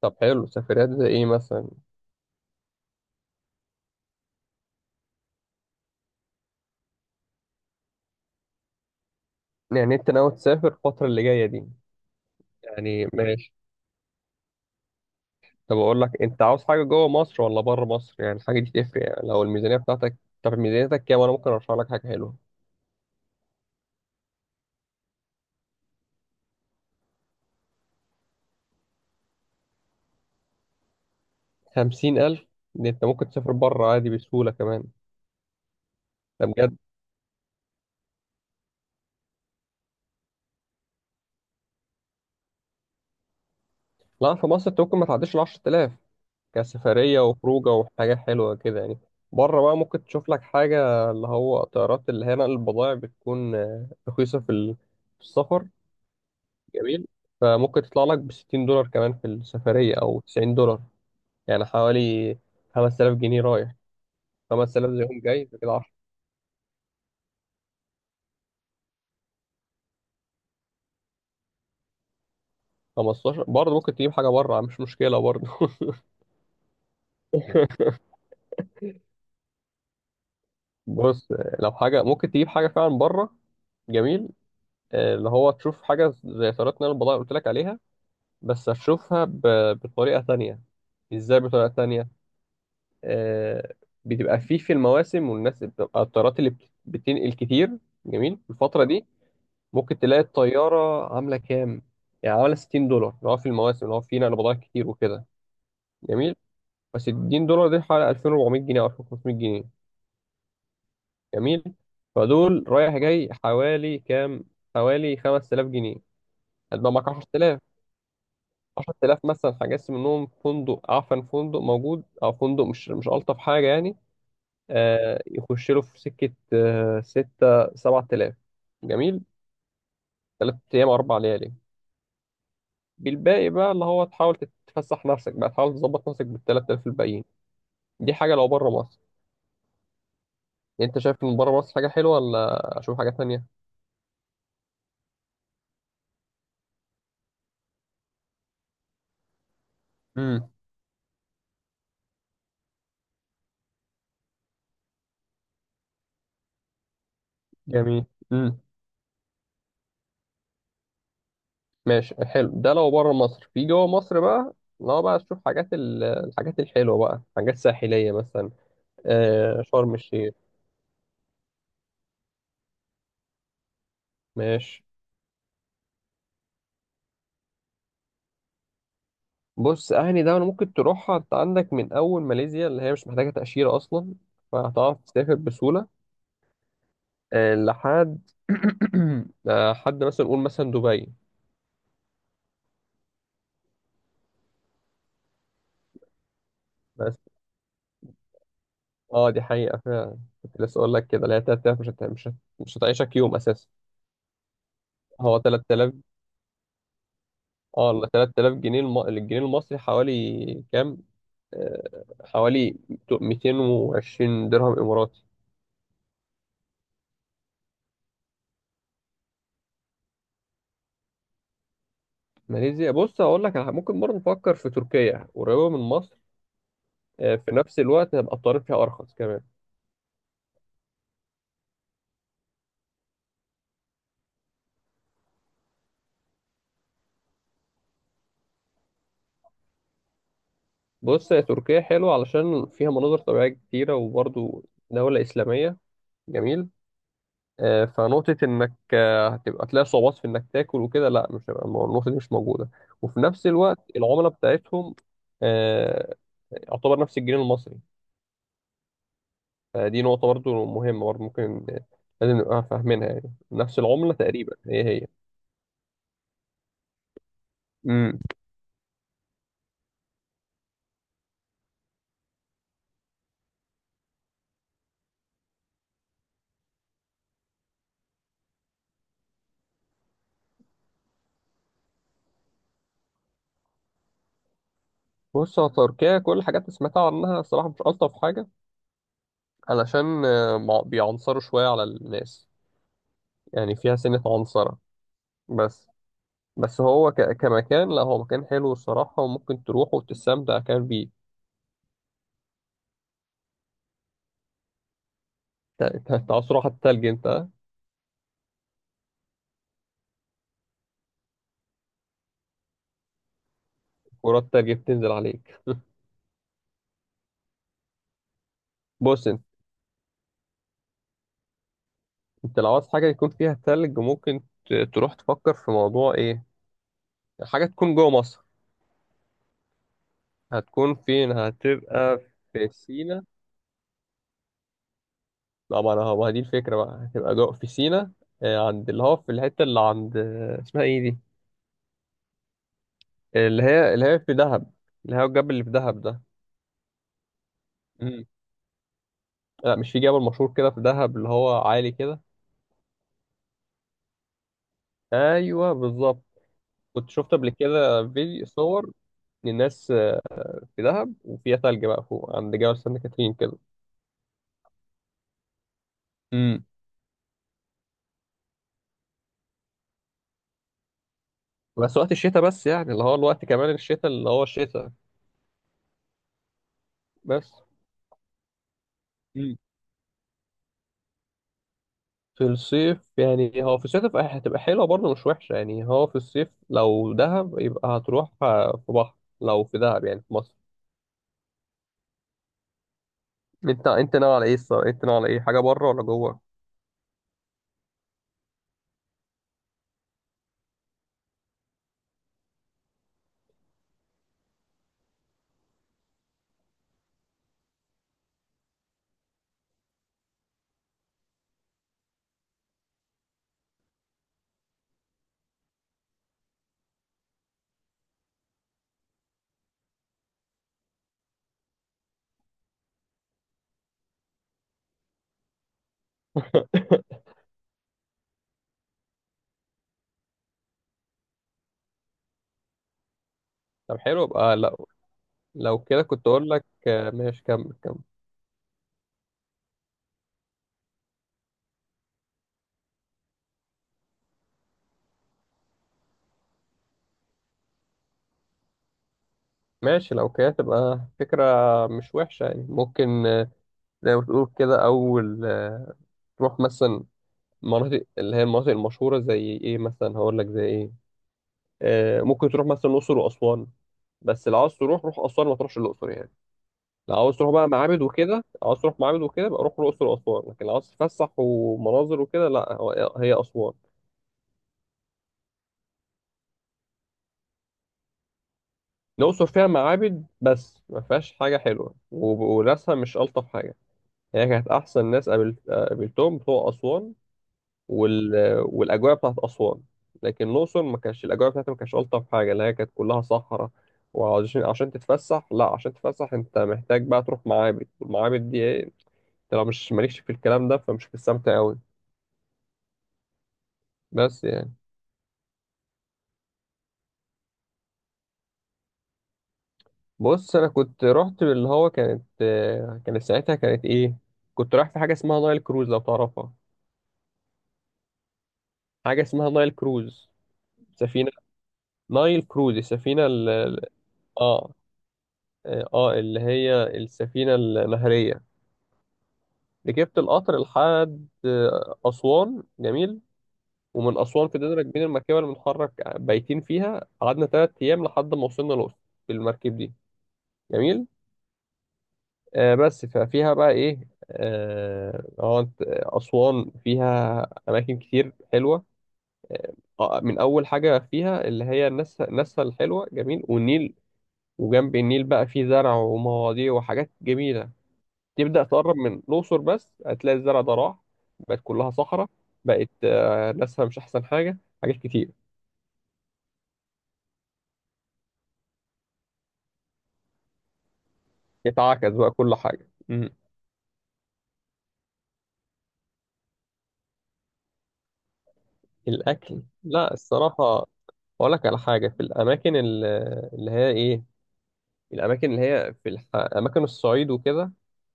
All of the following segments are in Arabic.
طب حلو، سفريات زي ايه مثلا؟ يعني انت ناوي تسافر الفترة اللي جاية دي؟ يعني ماشي. طب اقول لك، انت عاوز حاجة جوه مصر ولا بره مصر؟ يعني الحاجة دي تفرق، يعني لو الميزانية بتاعتك. طب ميزانيتك كام؟ انا ممكن ارشح لك حاجة حلوة. 50,000؟ دي انت ممكن تسافر بره عادي بسهولة كمان. ده بجد. لا، في مصر انت ممكن ما تعديش الـ 10,000، كسفرية وخروجة وحاجة حلوة كده يعني. بره بقى ممكن تشوف لك حاجة، اللي هو طيارات اللي هي نقل البضائع، بتكون رخيصة في السفر. جميل. فممكن تطلع لك ب 60 دولار كمان في السفرية، أو 90 دولار، يعني حوالي 5000 جنيه رايح، 5000 زيهم جاي، فكده 10. 15 برضه ممكن تجيب حاجة بره، مش مشكلة برضه. بص، لو حاجة ممكن تجيب حاجة فعلا بره. جميل. اللي هو تشوف حاجة زي طريقة نقل البضائع اللي قلت لك عليها. بس هتشوفها بطريقة تانية. ازاي بطريقة تانية؟ آه، بتبقى فيه في المواسم، والناس بتبقى الطيارات اللي بتنقل كتير. جميل في الفترة دي. ممكن تلاقي الطيارة عاملة كام. يعني عاملة 60 دولار لو في المواسم، لو في نقل بضائع كتير وكده. جميل. بس 60 دولار دي حوالي 2400 جنيه أو 2500 جنيه. جميل. فدول رايح جاي حوالي كام؟ حوالي 5000 جنيه. هتبقى معاك 10,000. 10,000 مثلا هجس منهم فندق، عفن فندق موجود، أو فندق مش ألطف حاجة يعني. آه يخش له في سكة، 6، 7,000. جميل. 3 أيام 4 ليالي. بالباقي بقى اللي هو تحاول تتفسح نفسك بقى، تحاول تظبط نفسك بال 3000 الباقيين. دي حاجة لو بره مصر. يعني انت شايف ان بره مصر حاجة حلوة ولا اشوف حاجة تانية؟ امم. جميل. امم. ماشي، حلو ده لو بره مصر. في جوه مصر بقى، لو بقى تشوف حاجات الحاجات الحلوة بقى، حاجات ساحلية مثلا، آه شرم الشيخ. ماشي. بص، أهني دولة ممكن تروحها أنت عندك من أول ماليزيا، اللي هي مش محتاجة تأشيرة أصلا، فهتعرف تسافر بسهولة. آه لحد حد مثلا، نقول مثلا دبي. بس اه دي حقيقة، فعلا كنت لسه اقول لك كده، اللي هي 3000 مش هتعيشك يوم اساسا. هو 3000. اه ال 3000 جنيه الجنيه المصري حوالي كام؟ حوالي 220 درهم اماراتي. ماليزيا، بص هقول لك ممكن برضه نفكر في تركيا، قريبة من مصر. آه في نفس الوقت هيبقى الطريق فيها ارخص كمان. بص، هي تركيا حلوة علشان فيها مناظر طبيعية كتيرة، وبرضه دولة إسلامية. جميل. فنقطة إنك هتبقى تلاقي صعوبات في إنك تاكل وكده، لا مش هيبقى النقطة دي مش موجودة. وفي نفس الوقت العملة بتاعتهم، آه، يعتبر نفس الجنيه المصري. فدي نقطة برضو مهمة، برضو ممكن لازم نبقى فاهمينها، يعني نفس العملة تقريبا، هي هي. امم. بص يا تركيا، كل الحاجات اللي سمعتها عنها الصراحة مش ألطف حاجة. علشان بيعنصروا شوية على الناس، يعني فيها سنة عنصرة. بس. بس هو كمكان، لا هو مكان حلو الصراحة، وممكن تروح وتستمتع كمان بيه. انت عاوز تروح على التلج انت؟ كرات التلج بتنزل عليك. بص انت، انت لو عاوز حاجه يكون فيها تلج، ممكن تروح تفكر في موضوع ايه، حاجه تكون جوه مصر. هتكون فين؟ هتبقى في سينا. لا ما انا، هو دي الفكره بقى، هتبقى جوه في سينا. عند اللي هو في الحته اللي عند، اسمها ايه دي، اللي هي في دهب، اللي هو الجبل اللي في دهب ده. مم. لا، مش في جبل مشهور كده في دهب اللي هو عالي كده؟ ايوه بالظبط. كنت شفت قبل كده فيديو صور الناس في دهب وفيها ثلج بقى فوق عند جبل سانت كاترين كده. امم. بس وقت الشتاء بس يعني، اللي هو الوقت كمان الشتاء، اللي هو الشتاء بس. امم. في الصيف يعني، هو في الصيف هتبقى حلوة برضه، مش وحشة يعني. هو في الصيف لو دهب يبقى هتروح في بحر، لو في دهب يعني في مصر. انت ناوي على ايه الصراحة؟ انت ناوي على ايه؟ حاجة بره ولا جوه؟ طب حلو، يبقى لو، لو كده كنت اقول لك ماشي كمل كمل. ماشي، لو كده تبقى فكرة مش وحشة يعني، ممكن زي ما تقول كده، أول تروح مثلا مناطق، اللي هي المناطق المشهورة، زي إيه مثلا؟ هقول لك زي إيه. ممكن تروح مثلا الأقصر وأسوان. بس لو عاوز تروح، روح أسوان ما تروحش الأقصر يعني. لو عاوز تروح بقى معابد وكده، لو عاوز تروح معابد وكده بقى روح الأقصر وأسوان. لكن لو عاوز تتفسح ومناظر وكده، لا هي أسوان. الأقصر فيها معابد بس، ما فيهاش حاجة حلوة، وناسها مش ألطف حاجة. هي كانت أحسن ناس قابلتهم بتوع أسوان. وال... والاجواء بتاعت اسوان. لكن الاقصر ما كانش الاجواء بتاعتها، ما كانتش الطف حاجه، اللي هي كانت كلها صحراء. وعشان تتفسح، لا عشان تتفسح انت محتاج بقى تروح معابد، والمعابد دي ايه؟ انت لو مش مالكش في الكلام ده، فمش هتستمتع قوي. بس يعني. بص انا كنت رحت، اللي هو كانت كانت ساعتها كانت ايه، كنت رايح في حاجه اسمها نايل كروز لو تعرفها. حاجه اسمها نايل كروز، سفينه. نايل كروز، السفينه اه. اه اللي هي السفينه النهريه. ركبت القطر لحد أسوان. جميل. ومن أسوان فضلنا راكبين المركبة اللي بنتحرك بايتين فيها، قعدنا 3 أيام لحد ما وصلنا الأقصر، بالمركب دي. جميل. آه بس ففيها بقى إيه؟ آه هو أنت- أسوان فيها أماكن كتير حلوة. آه. من أول حاجة فيها اللي هي الناس الحلوة، جميل، والنيل، وجنب النيل بقى فيه زرع ومواضيع وحاجات جميلة. تبدأ تقرب من الأقصر بس هتلاقي الزرع ده راح، بقت كلها صحراء. بقت ناسها مش أحسن حاجة، حاجات كتير اتعكس بقى كل حاجة. مم. الأكل، لا الصراحة، أقول لك على حاجة في الأماكن اللي هي إيه، الأماكن اللي هي أماكن الصعيد وكده،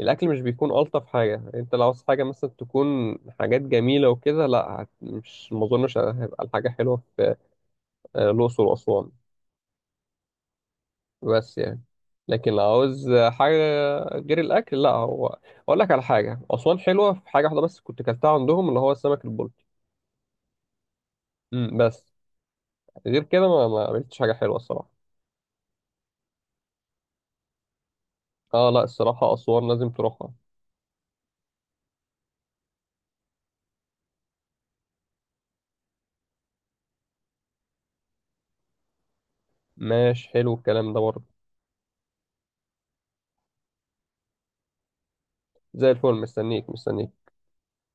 الأكل مش بيكون ألطف حاجة. أنت لو عاوز حاجة مثلا تكون حاجات جميلة وكده، لا مش ما أظنش هيبقى الحاجة حلوة في الأقصر وأسوان. بس يعني، لكن لو عاوز حاجة غير الأكل، لا هو، أقول لك على حاجة أسوان حلوة في حاجة واحدة بس كنت كلتها عندهم، اللي هو السمك البلطي. بس. غير كده ما عملتش حاجة حلوة الصراحة. اه لا، الصراحة أسوان لازم تروحها. ماشي حلو الكلام ده برضه. زي الفل، مستنيك مستنيك.